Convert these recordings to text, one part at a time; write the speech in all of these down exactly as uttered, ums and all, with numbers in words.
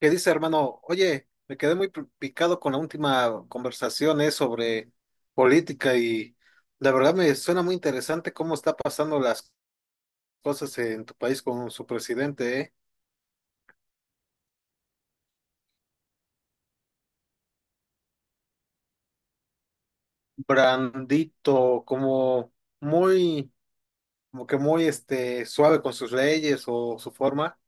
¿Qué dice, hermano? Oye, me quedé muy pl- picado con la última conversación, eh, sobre política y la verdad me suena muy interesante cómo está pasando las cosas en tu país con su presidente, eh. Brandito, como muy, como que muy este suave con sus leyes o su forma.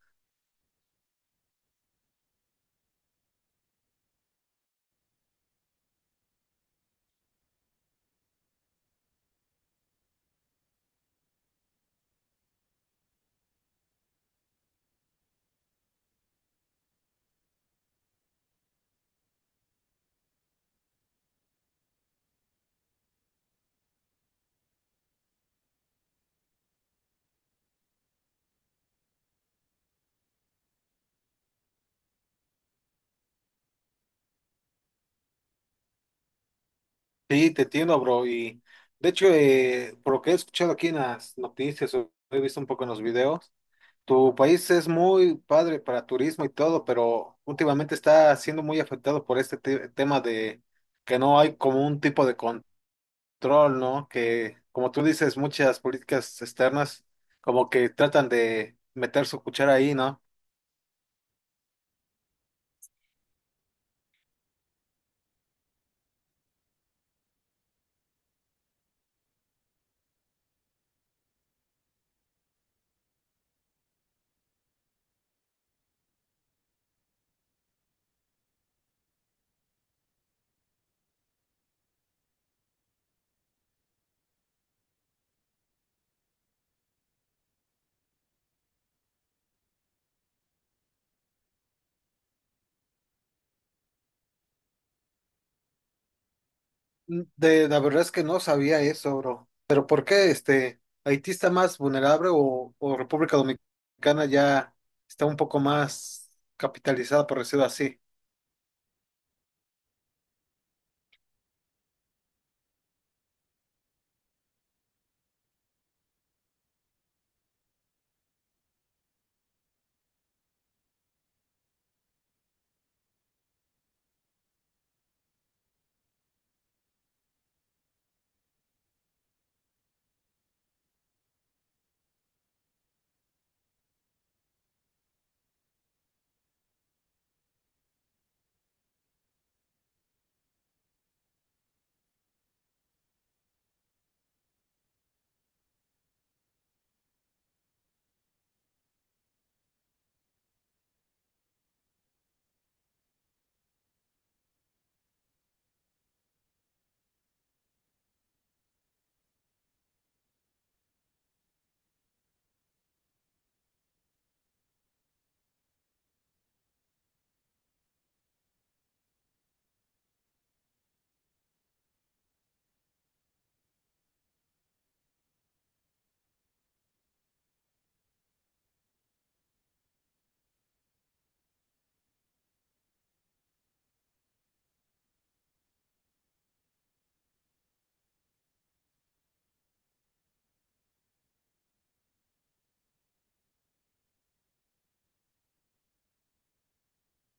Sí, te entiendo, bro. Y de hecho, eh, por lo que he escuchado aquí en las noticias, o he visto un poco en los videos. Tu país es muy padre para turismo y todo, pero últimamente está siendo muy afectado por este te- tema de que no hay como un tipo de control, ¿no? Que, como tú dices, muchas políticas externas como que tratan de meter su cuchara ahí, ¿no? Mm, De, la verdad es que no sabía eso, bro. Pero ¿por qué este Haití está más vulnerable o, o República Dominicana ya está un poco más capitalizada, por decirlo así?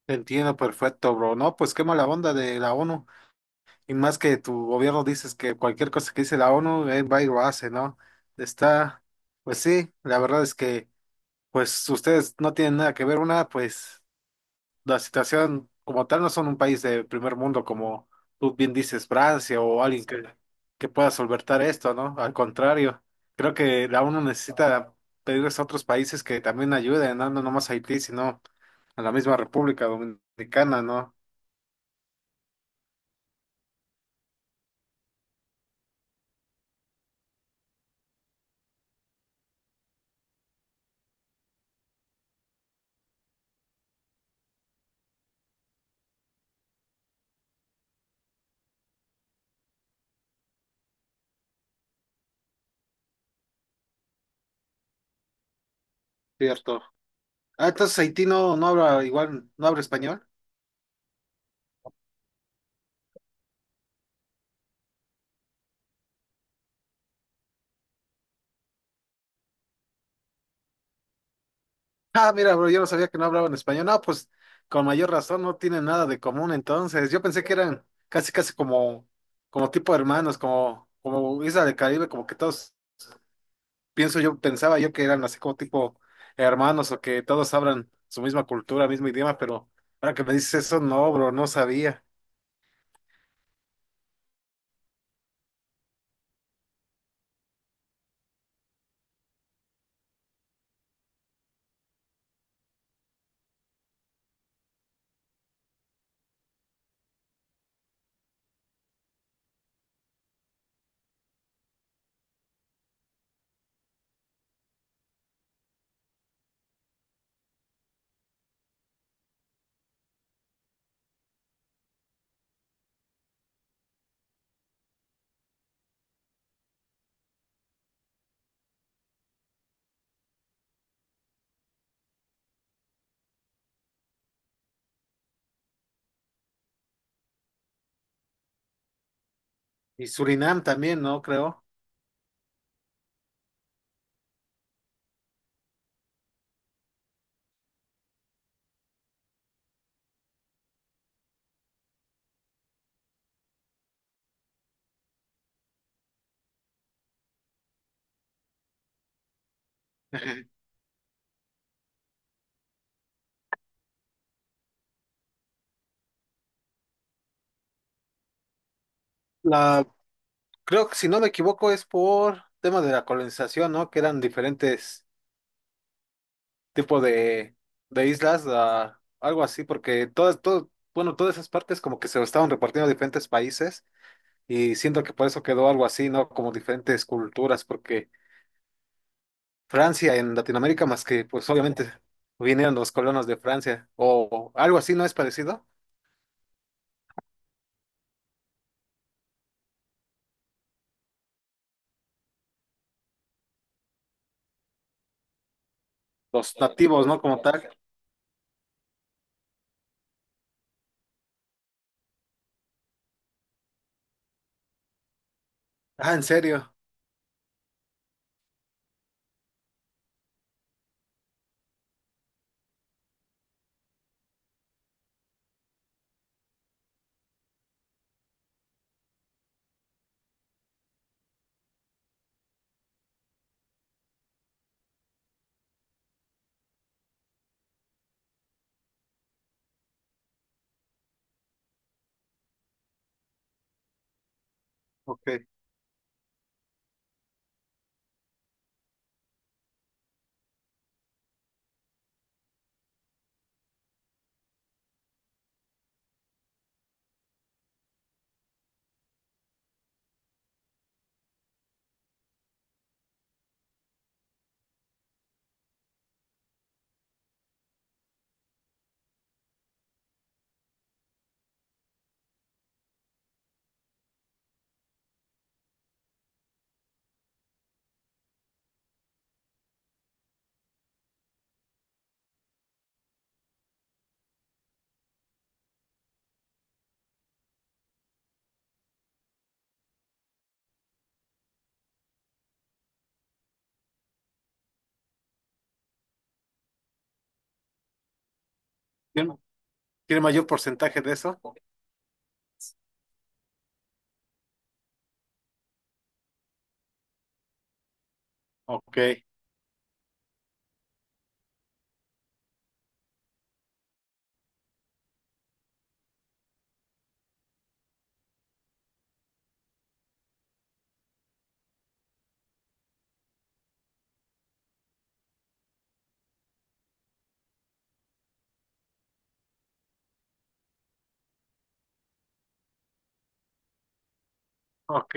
Entiendo perfecto, bro. No, pues qué mala onda de la O N U. Y más que tu gobierno dices que cualquier cosa que dice la O N U, él va y lo hace, ¿no? Está, pues sí, la verdad es que, pues ustedes no tienen nada que ver. Una, pues la situación como tal no son un país de primer mundo como tú bien dices, Francia o alguien que, que pueda solventar esto, ¿no? Al contrario, creo que la O N U necesita pedirles a otros países que también ayuden, ¿no? No nomás a Haití, sino a la misma República Dominicana, ¿no? Cierto. Ah, entonces Haití no, no habla igual, no habla español. Ah, mira, bro, yo no sabía que no hablaban español. No, pues con mayor razón no tienen nada de común entonces. Yo pensé que eran casi casi como, como tipo hermanos, como, como Isla del Caribe, como que todos, pienso yo, pensaba yo que eran así como tipo hermanos o que todos hablan su misma cultura, mismo idioma, pero ahora que me dices eso, no, bro, no sabía. Y Surinam también, ¿no? Creo. La, creo que si no me equivoco es por tema de la colonización, ¿no? Que eran diferentes tipo de, de islas, a algo así, porque todas, todo, bueno, todas esas partes como que se estaban repartiendo a diferentes países y siento que por eso quedó algo así, ¿no? Como diferentes culturas, porque Francia en Latinoamérica, más que pues obviamente vinieron los colonos de Francia o, o algo así, ¿no es parecido? Los nativos, ¿no? Como tal. Ah, ¿en serio? Ok. ¿Tiene, tiene mayor porcentaje de eso? Ok, ok.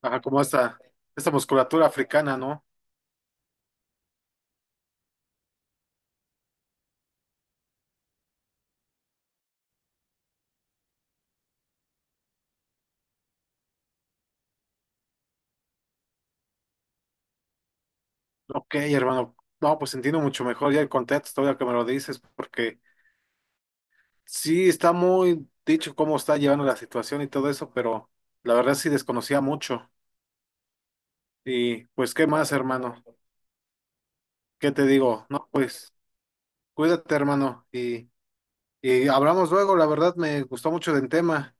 Ajá, como esta, esta musculatura africana, ¿no? Ok, hermano. No, pues entiendo mucho mejor ya el contexto, ahora que me lo dices, porque sí está muy dicho cómo está llevando la situación y todo eso, pero la verdad sí desconocía mucho. Y pues, ¿qué más, hermano? ¿Qué te digo? No, pues, cuídate, hermano, y, y hablamos luego, la verdad me gustó mucho del tema.